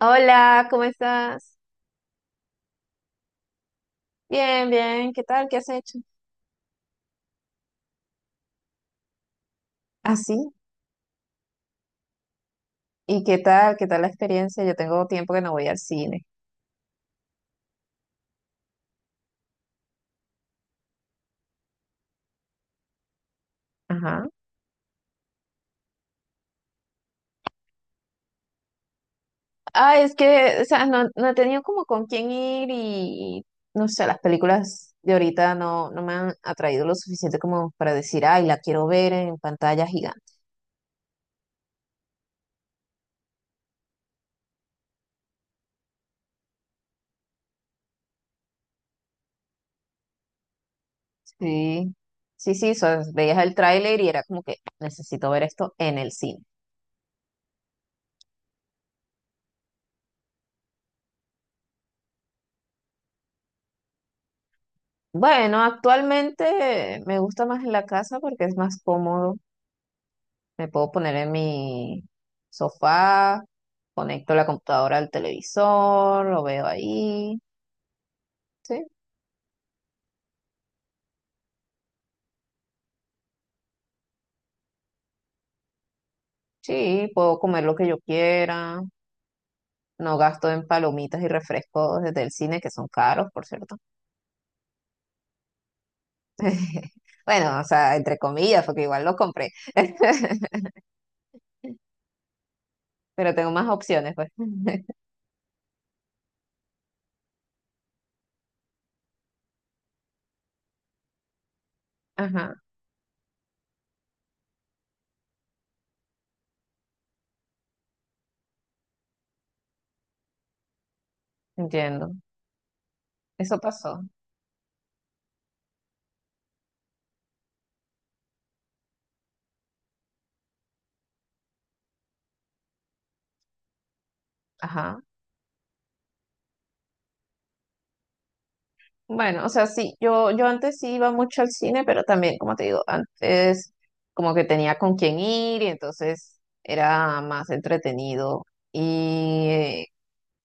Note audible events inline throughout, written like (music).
Hola, ¿cómo estás? Bien, bien, ¿qué tal? ¿Qué has hecho? ¿Ah, sí? ¿Y qué tal? ¿Qué tal la experiencia? Yo tengo tiempo que no voy al cine. Ajá. Ah, es que, o sea, no, no he tenido como con quién ir y, no sé, las películas de ahorita no, no me han atraído lo suficiente como para decir, ay, la quiero ver en pantalla gigante. Sí. Sí, sí, o sea, veías el tráiler y era como que necesito ver esto en el cine. Bueno, actualmente me gusta más en la casa porque es más cómodo. Me puedo poner en mi sofá, conecto la computadora al televisor, lo veo ahí. Sí, sí, puedo comer lo que yo quiera. No gasto en palomitas y refrescos desde el cine, que son caros, por cierto. (laughs) Bueno, o sea, entre comillas, porque igual los compré. (laughs) Pero tengo más opciones, pues. (laughs) Ajá, entiendo. Eso pasó. Ajá. Bueno, o sea, sí, yo antes sí iba mucho al cine, pero también, como te digo, antes como que tenía con quién ir y entonces era más entretenido. Y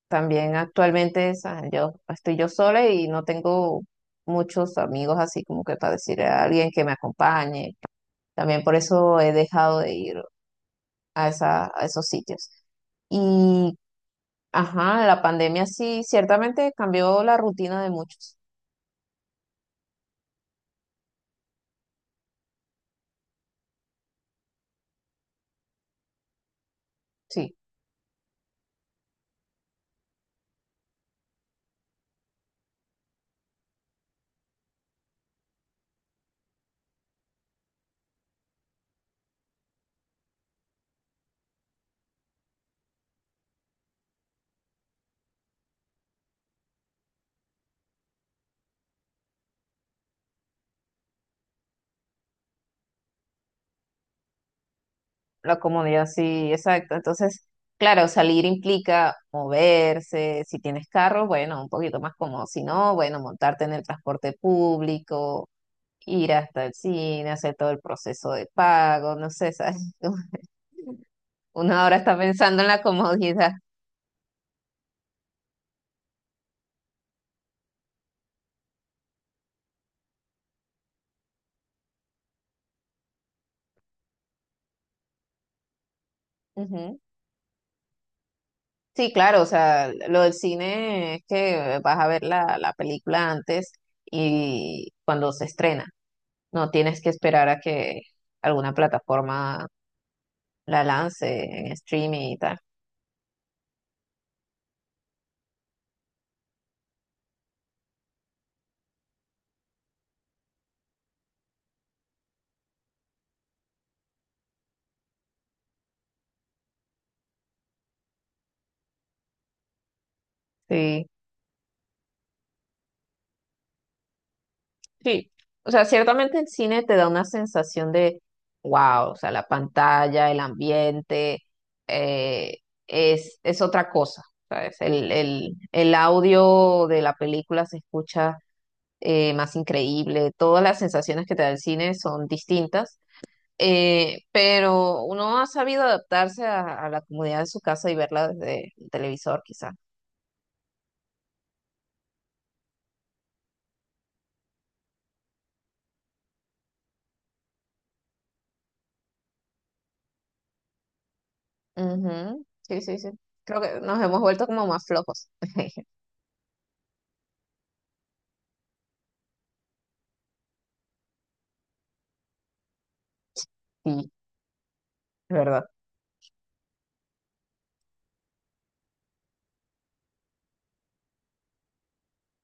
también actualmente, o sea, yo estoy yo sola y no tengo muchos amigos así como que para decirle a alguien que me acompañe. También por eso he dejado de ir a esa, a esos sitios. Y, ajá, la pandemia sí, ciertamente cambió la rutina de muchos. Sí. La comodidad, sí, exacto. Entonces, claro, salir implica moverse. Si tienes carro, bueno, un poquito más cómodo. Si no, bueno, montarte en el transporte público, ir hasta el cine, hacer todo el proceso de pago, no sé, ¿sabes? (laughs) Una hora está pensando en la comodidad. Ujú. Sí, claro, o sea, lo del cine es que vas a ver la, la película antes y cuando se estrena. No tienes que esperar a que alguna plataforma la lance en streaming y tal. Sí, sí. O sea, ciertamente el cine te da una sensación de wow, o sea, la pantalla, el ambiente, eh, es otra cosa, ¿sabes? El audio de la película se escucha más increíble, todas las sensaciones que te da el cine son distintas. Pero uno ha sabido adaptarse a la comodidad de su casa y verla desde el televisor, quizás. Ujú. Sí, sí, sí. Creo que nos hemos vuelto como más flojos. (laughs) Sí, es verdad.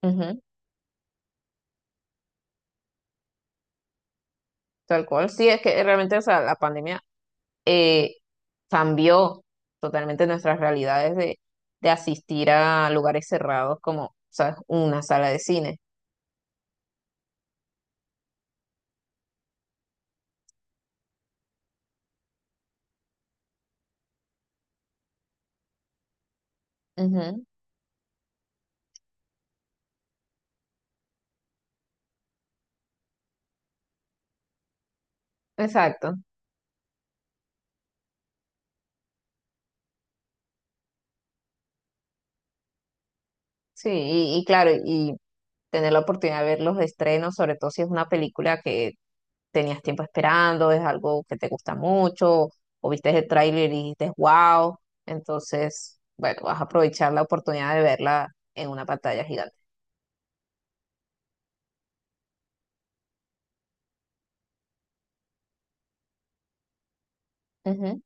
Ujú. Tal cual. Sí, es que realmente, o sea, la pandemia eh, cambió totalmente nuestras realidades de asistir a lugares cerrados como, ¿sabes? Una sala de cine. Ujú. Exacto. Sí, y claro, y tener la oportunidad de ver los estrenos, sobre todo si es una película que tenías tiempo esperando, es algo que te gusta mucho, o viste el tráiler y dijiste, wow, entonces, bueno, vas a aprovechar la oportunidad de verla en una pantalla gigante. Ujú,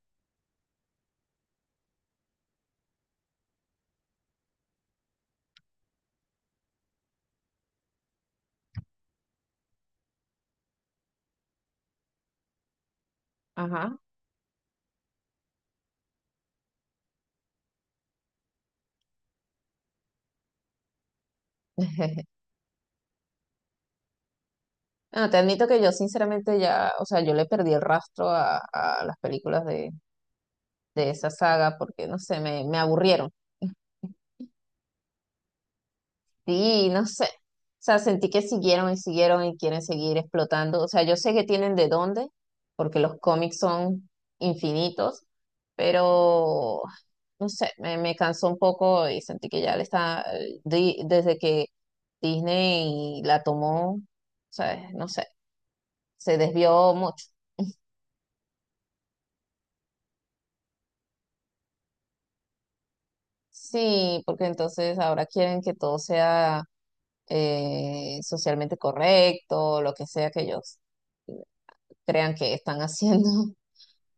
ajá. (laughs) Bueno, te admito que yo sinceramente ya, o sea, yo le perdí el rastro a las películas de esa saga porque, no sé, me aburrieron. (laughs) Sí, no sé. O sea, sentí que siguieron y siguieron y quieren seguir explotando. O sea, yo sé que tienen de dónde, porque los cómics son infinitos, pero no sé, me cansó un poco y sentí que ya le está, desde que Disney la tomó, o sea, no sé, se desvió mucho. (laughs) Sí, porque entonces ahora quieren que todo sea socialmente correcto, lo que sea que ellos. Crean que están haciendo (laughs)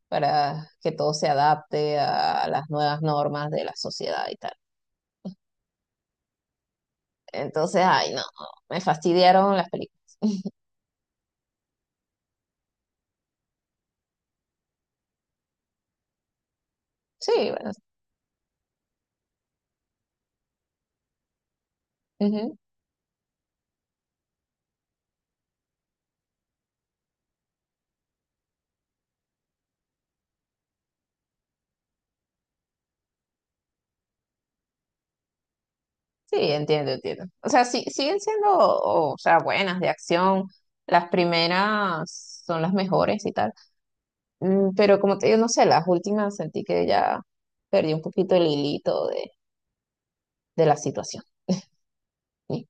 para que todo se adapte a las nuevas normas de la sociedad y tal. Entonces, ay, no, me fastidiaron las películas. Sí, bueno, ujú, sí, entiendo, entiendo. O sea, sí, siguen siendo, o sea, buenas de acción. Las primeras son las mejores y tal. Mm. Pero como te digo, no sé, las últimas sentí que ya perdí un poquito el hilito de la situación. Sí.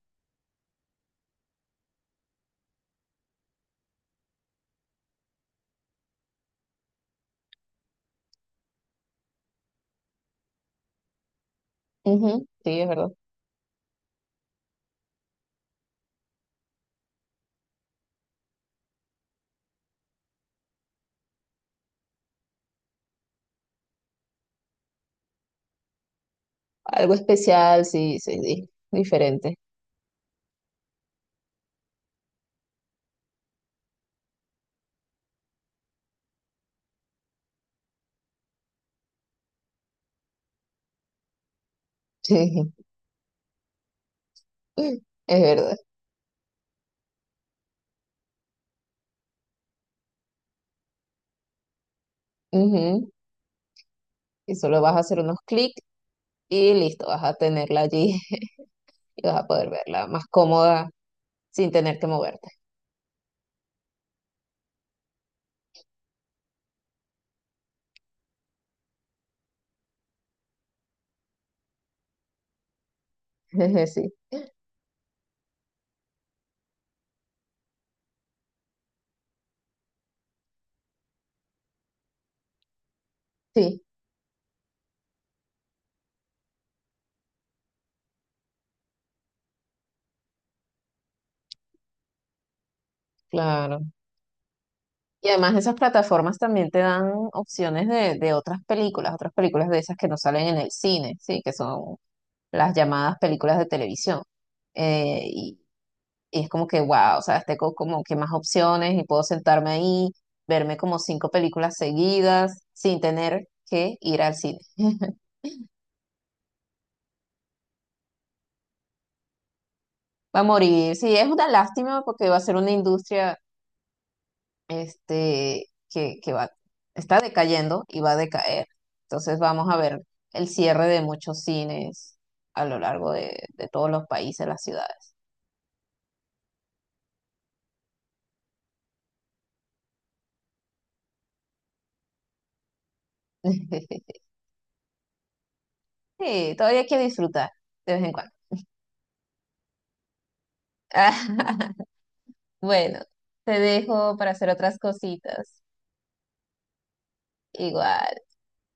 Ujú. Sí, es verdad. Algo especial, sí, sí, sí, diferente. Sí, (laughs) es verdad. Ujú. Y solo vas a hacer unos clics y listo, vas a tenerla allí (laughs) y vas a poder verla más cómoda sin tener que moverte. (laughs) Sí, sí, claro. Y además esas plataformas también te dan opciones de otras películas de esas que no salen en el cine, ¿sí? Que son las llamadas películas de televisión. Eh, y, y es como que, wow, o sea, tengo como que más opciones y puedo sentarme ahí, verme como cinco películas seguidas sin tener que ir al cine. (laughs) Va a morir, sí, es una lástima porque va a ser una industria este, que va, está decayendo y va a decaer. Entonces vamos a ver el cierre de muchos cines a lo largo de todos los países, las ciudades. (laughs) Sí, todavía hay que disfrutar de vez en cuando. (laughs) Bueno, te dejo para hacer otras cositas. Igual.